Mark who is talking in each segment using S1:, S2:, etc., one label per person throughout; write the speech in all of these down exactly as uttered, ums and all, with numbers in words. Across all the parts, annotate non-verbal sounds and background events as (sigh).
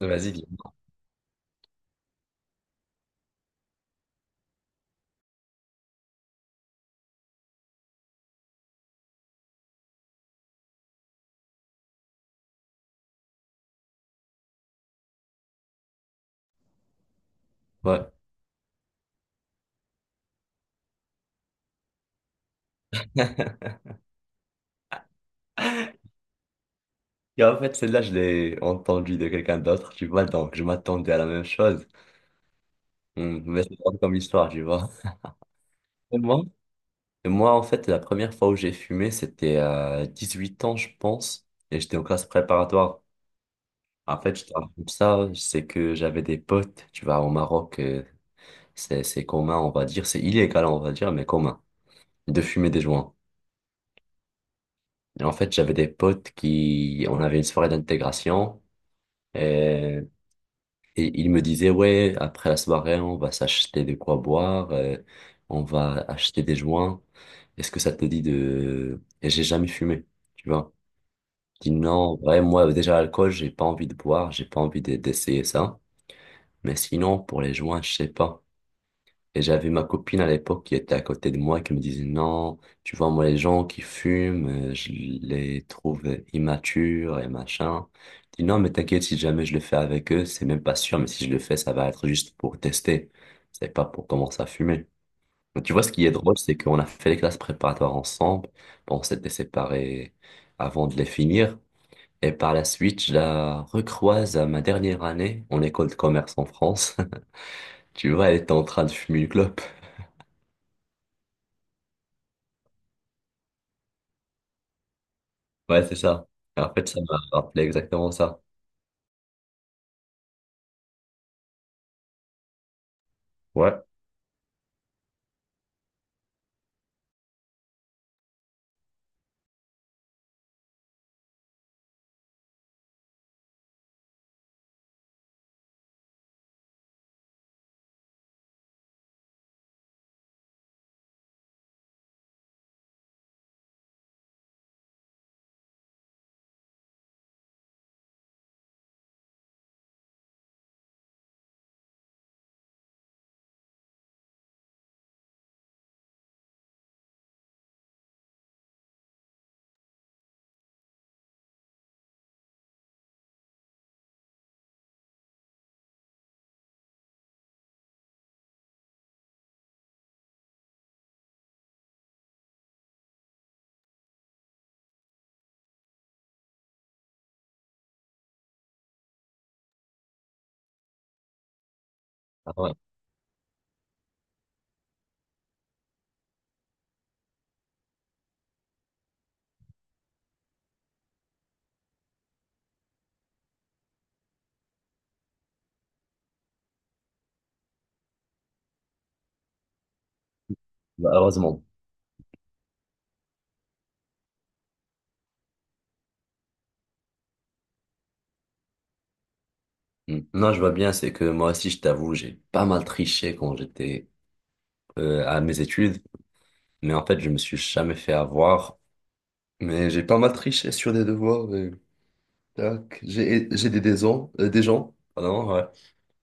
S1: Vas-y, dis-moi. Ouais. Et en fait, celle-là, je l'ai entendue de quelqu'un d'autre, tu vois, donc je m'attendais à la même chose. Hmm, Mais c'est drôle comme histoire, tu vois. (laughs) Et moi, et moi, en fait, la première fois où j'ai fumé, c'était à dix-huit ans, je pense, et j'étais en classe préparatoire. En fait, je te raconte ça, c'est que j'avais des potes, tu vois, au Maroc, euh, c'est, c'est commun, on va dire, c'est illégal, on va dire, mais commun, de fumer des joints. Et en fait, j'avais des potes qui, on avait une soirée d'intégration. Et il me disait, ouais, après la soirée, on va s'acheter de quoi boire, euh, on va acheter des joints. Est-ce que ça te dit de... Et j'ai jamais fumé, tu vois. Je dis non, ouais, moi, déjà, l'alcool, j'ai pas envie de boire, j'ai pas envie de- d'essayer ça. Mais sinon, pour les joints, je sais pas. Et j'avais ma copine à l'époque qui était à côté de moi qui me disait non, tu vois, moi, les gens qui fument, euh, je les trouve immatures et machin. Je dis non, mais t'inquiète, si jamais je le fais avec eux, c'est même pas sûr, mais si je le fais, ça va être juste pour tester. C'est pas pour commencer à fumer. Mais tu vois, ce qui est drôle, c'est qu'on a fait les classes préparatoires ensemble. Bon, on s'était séparés avant de les finir. Et par la suite, je la recroise à ma dernière année en école de commerce en France. (laughs) Tu vois, elle était en train de fumer une clope. Ouais, c'est ça. Et en fait, ça m'a rappelé exactement ça. Ouais. Ah ouais. Bah, heureusement. Mm. Non, je vois bien, c'est que moi aussi, je t'avoue, j'ai pas mal triché quand j'étais euh, à mes études, mais en fait, je me suis jamais fait avoir. Mais j'ai pas mal triché sur des devoirs. Euh, tac. J'ai j'ai des, des, gens euh, des gens. Pardon, ouais.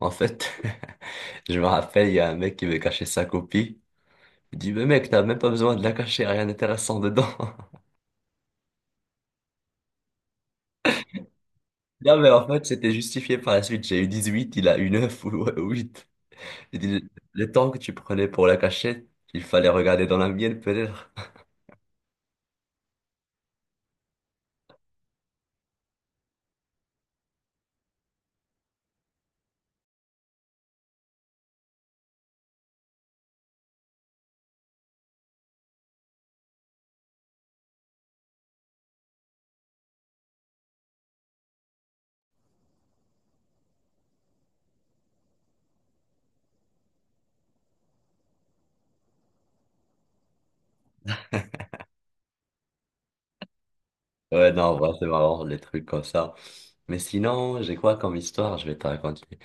S1: En fait, (laughs) je me rappelle, il y a un mec qui veut cacher sa copie. Il dit, mais mec, t'as même pas besoin de la cacher, rien d'intéressant dedans. (laughs) Non, mais en fait, c'était justifié par la suite. J'ai eu dix huit, il a eu neuf ou ou huit. Il dit, le temps que tu prenais pour la cachette, il fallait regarder dans la mienne, peut-être. (laughs) Ouais, non, bah, c'est marrant, les trucs comme ça. Mais sinon, j'ai quoi comme histoire? Je vais te raconter.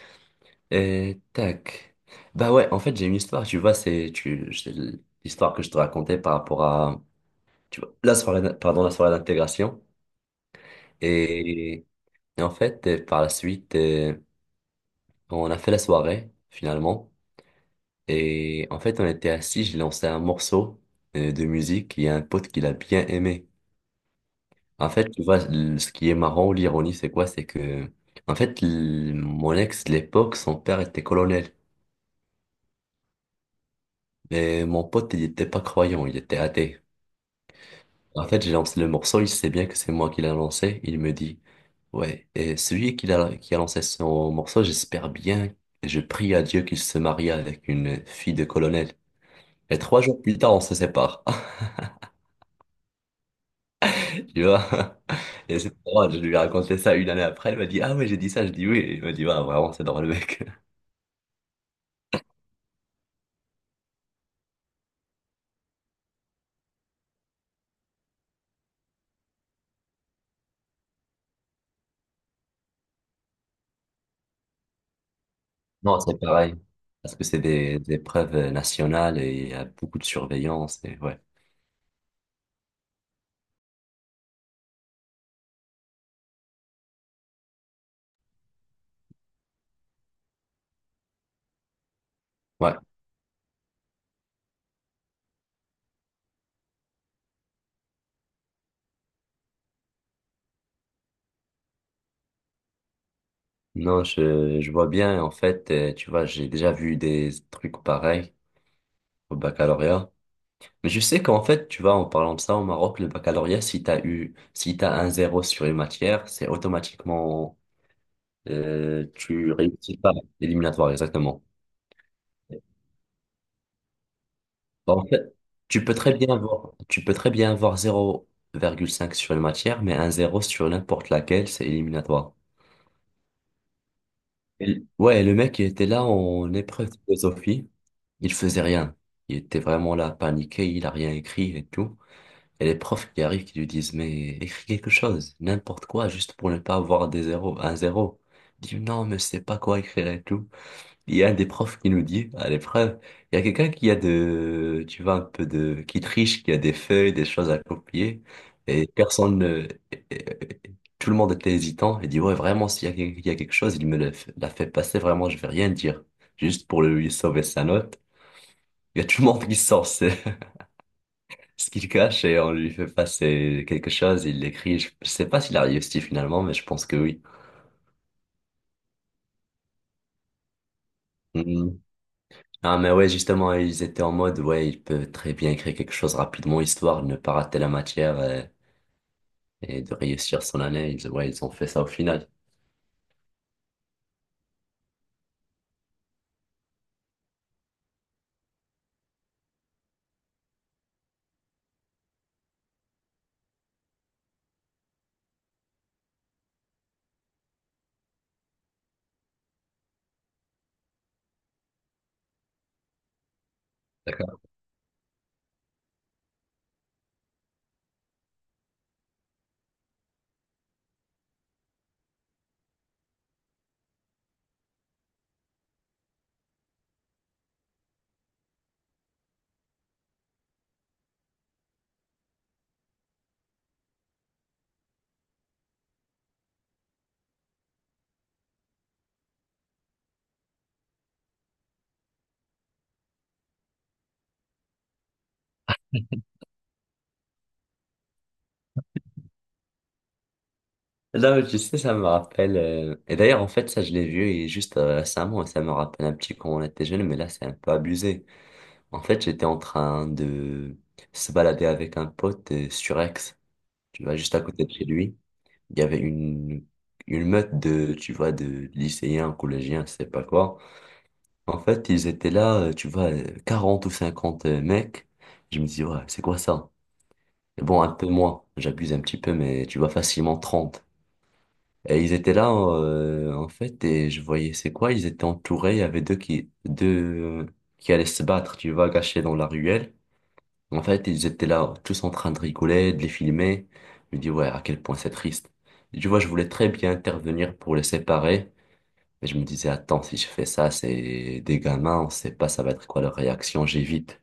S1: Et tac. Bah ouais, en fait, j'ai une histoire, tu vois, c'est tu, c'est l'histoire que je te racontais par rapport à, tu vois, la soirée, d'in- pardon, la soirée d'intégration. Et, et en fait, euh, par la suite, euh, on a fait la soirée, finalement. Et en fait, on était assis, j'ai lancé un morceau euh, de musique et il y a un pote qui l'a bien aimé. En fait, tu vois, l- ce qui est marrant ou l'ironie, c'est quoi? C'est que, en fait, l- mon ex, de l'époque, son père était colonel. Mais mon pote, il était pas croyant, il était athée. En fait, j'ai lancé le morceau, il sait bien que c'est moi qui l'ai lancé. Il me dit, ouais, et celui qui a, qui a lancé son morceau, j'espère bien, et je prie à Dieu qu'il se marie avec une fille de colonel. Et trois jours plus tard, on se sépare. (laughs) Tu vois? Et c'est drôle, je lui ai raconté ça une année après, elle m'a dit, ah ouais, j'ai dit ça, je dis oui. Il m'a dit, ouais, vraiment, c'est drôle, mec. Non, c'est pareil. Parce que c'est des, des preuves nationales et il y a beaucoup de surveillance et ouais. Ouais. Non, je, je vois bien. En fait, euh, tu vois, j'ai déjà vu des trucs pareils au baccalauréat. Mais je sais qu'en fait, tu vois, en parlant de ça, au Maroc, le baccalauréat, si t'as eu, si t'as un zéro sur une matière, c'est automatiquement, euh, tu réussis pas l'éliminatoire, exactement. Bon, en fait, tu peux très bien avoir, tu peux très bien avoir zéro virgule cinq sur une matière, mais un zéro sur n'importe laquelle, c'est éliminatoire. Et- l- Ouais, le mec, il était là en épreuve de philosophie. Il faisait rien. Il était vraiment là, paniqué, il a rien écrit et tout. Et les profs qui arrivent, qui lui disent, mais écris quelque chose, n'importe quoi, juste pour ne pas avoir des zéros, un zéro. Il dit, non, mais je sais pas quoi écrire et tout. Il y a un des profs qui nous dit à l'épreuve, il y a quelqu'un qui a de, tu vois, un peu de, qui triche, qui a des feuilles, des choses à copier, et personne, ne- et- et- et tout le monde était hésitant, et dit, ouais, vraiment, s'il y a, quel- il y a quelque chose, il me le f- la fait passer, vraiment, je vais rien dire, juste pour lui sauver sa note. Il y a tout le monde qui sort ce, (laughs) ce qu'il cache, et on lui fait passer quelque chose, il l'écrit, je, je sais pas s'il a réussi finalement, mais je pense que oui. Mm. Ah, mais ouais, justement, ils étaient en mode, ouais, il peut très bien créer quelque chose rapidement, histoire de ne pas rater la matière euh, et, de réussir son année. Ils, ouais, ils ont fait ça au final. D'accord. Là, tu sais, ça me rappelle. euh, Et d'ailleurs, en fait, ça, je l'ai vu et juste euh, récemment, et ça me rappelle un petit quand on était jeune, mais là, c'est un peu abusé. En fait, j'étais en train de se balader avec un pote euh, sur Aix, tu vois, juste à côté de chez lui. Il y avait une, une meute de, tu vois, de lycéens, collégiens, je sais pas quoi. En fait, ils étaient là, euh, tu vois, euh, quarante ou cinquante euh, mecs. Je me dis, ouais, c'est quoi ça? Et bon, un peu moins, j'abuse un petit peu, mais tu vois, facilement trente. Et ils étaient là, euh, en fait, et je voyais, c'est quoi? Ils étaient entourés, il y avait deux qui, deux euh, qui allaient se battre, tu vois, cachés dans la ruelle. En fait, ils étaient là, tous en train de rigoler, de les filmer. Je me dis, ouais, à quel point c'est triste. Et tu vois, je voulais très bien intervenir pour les séparer, mais je me disais, attends, si je fais ça, c'est des gamins, on sait pas ça va être quoi leur réaction, j'évite.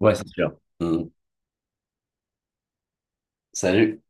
S1: Ouais, c'est sûr. Mm. Salut.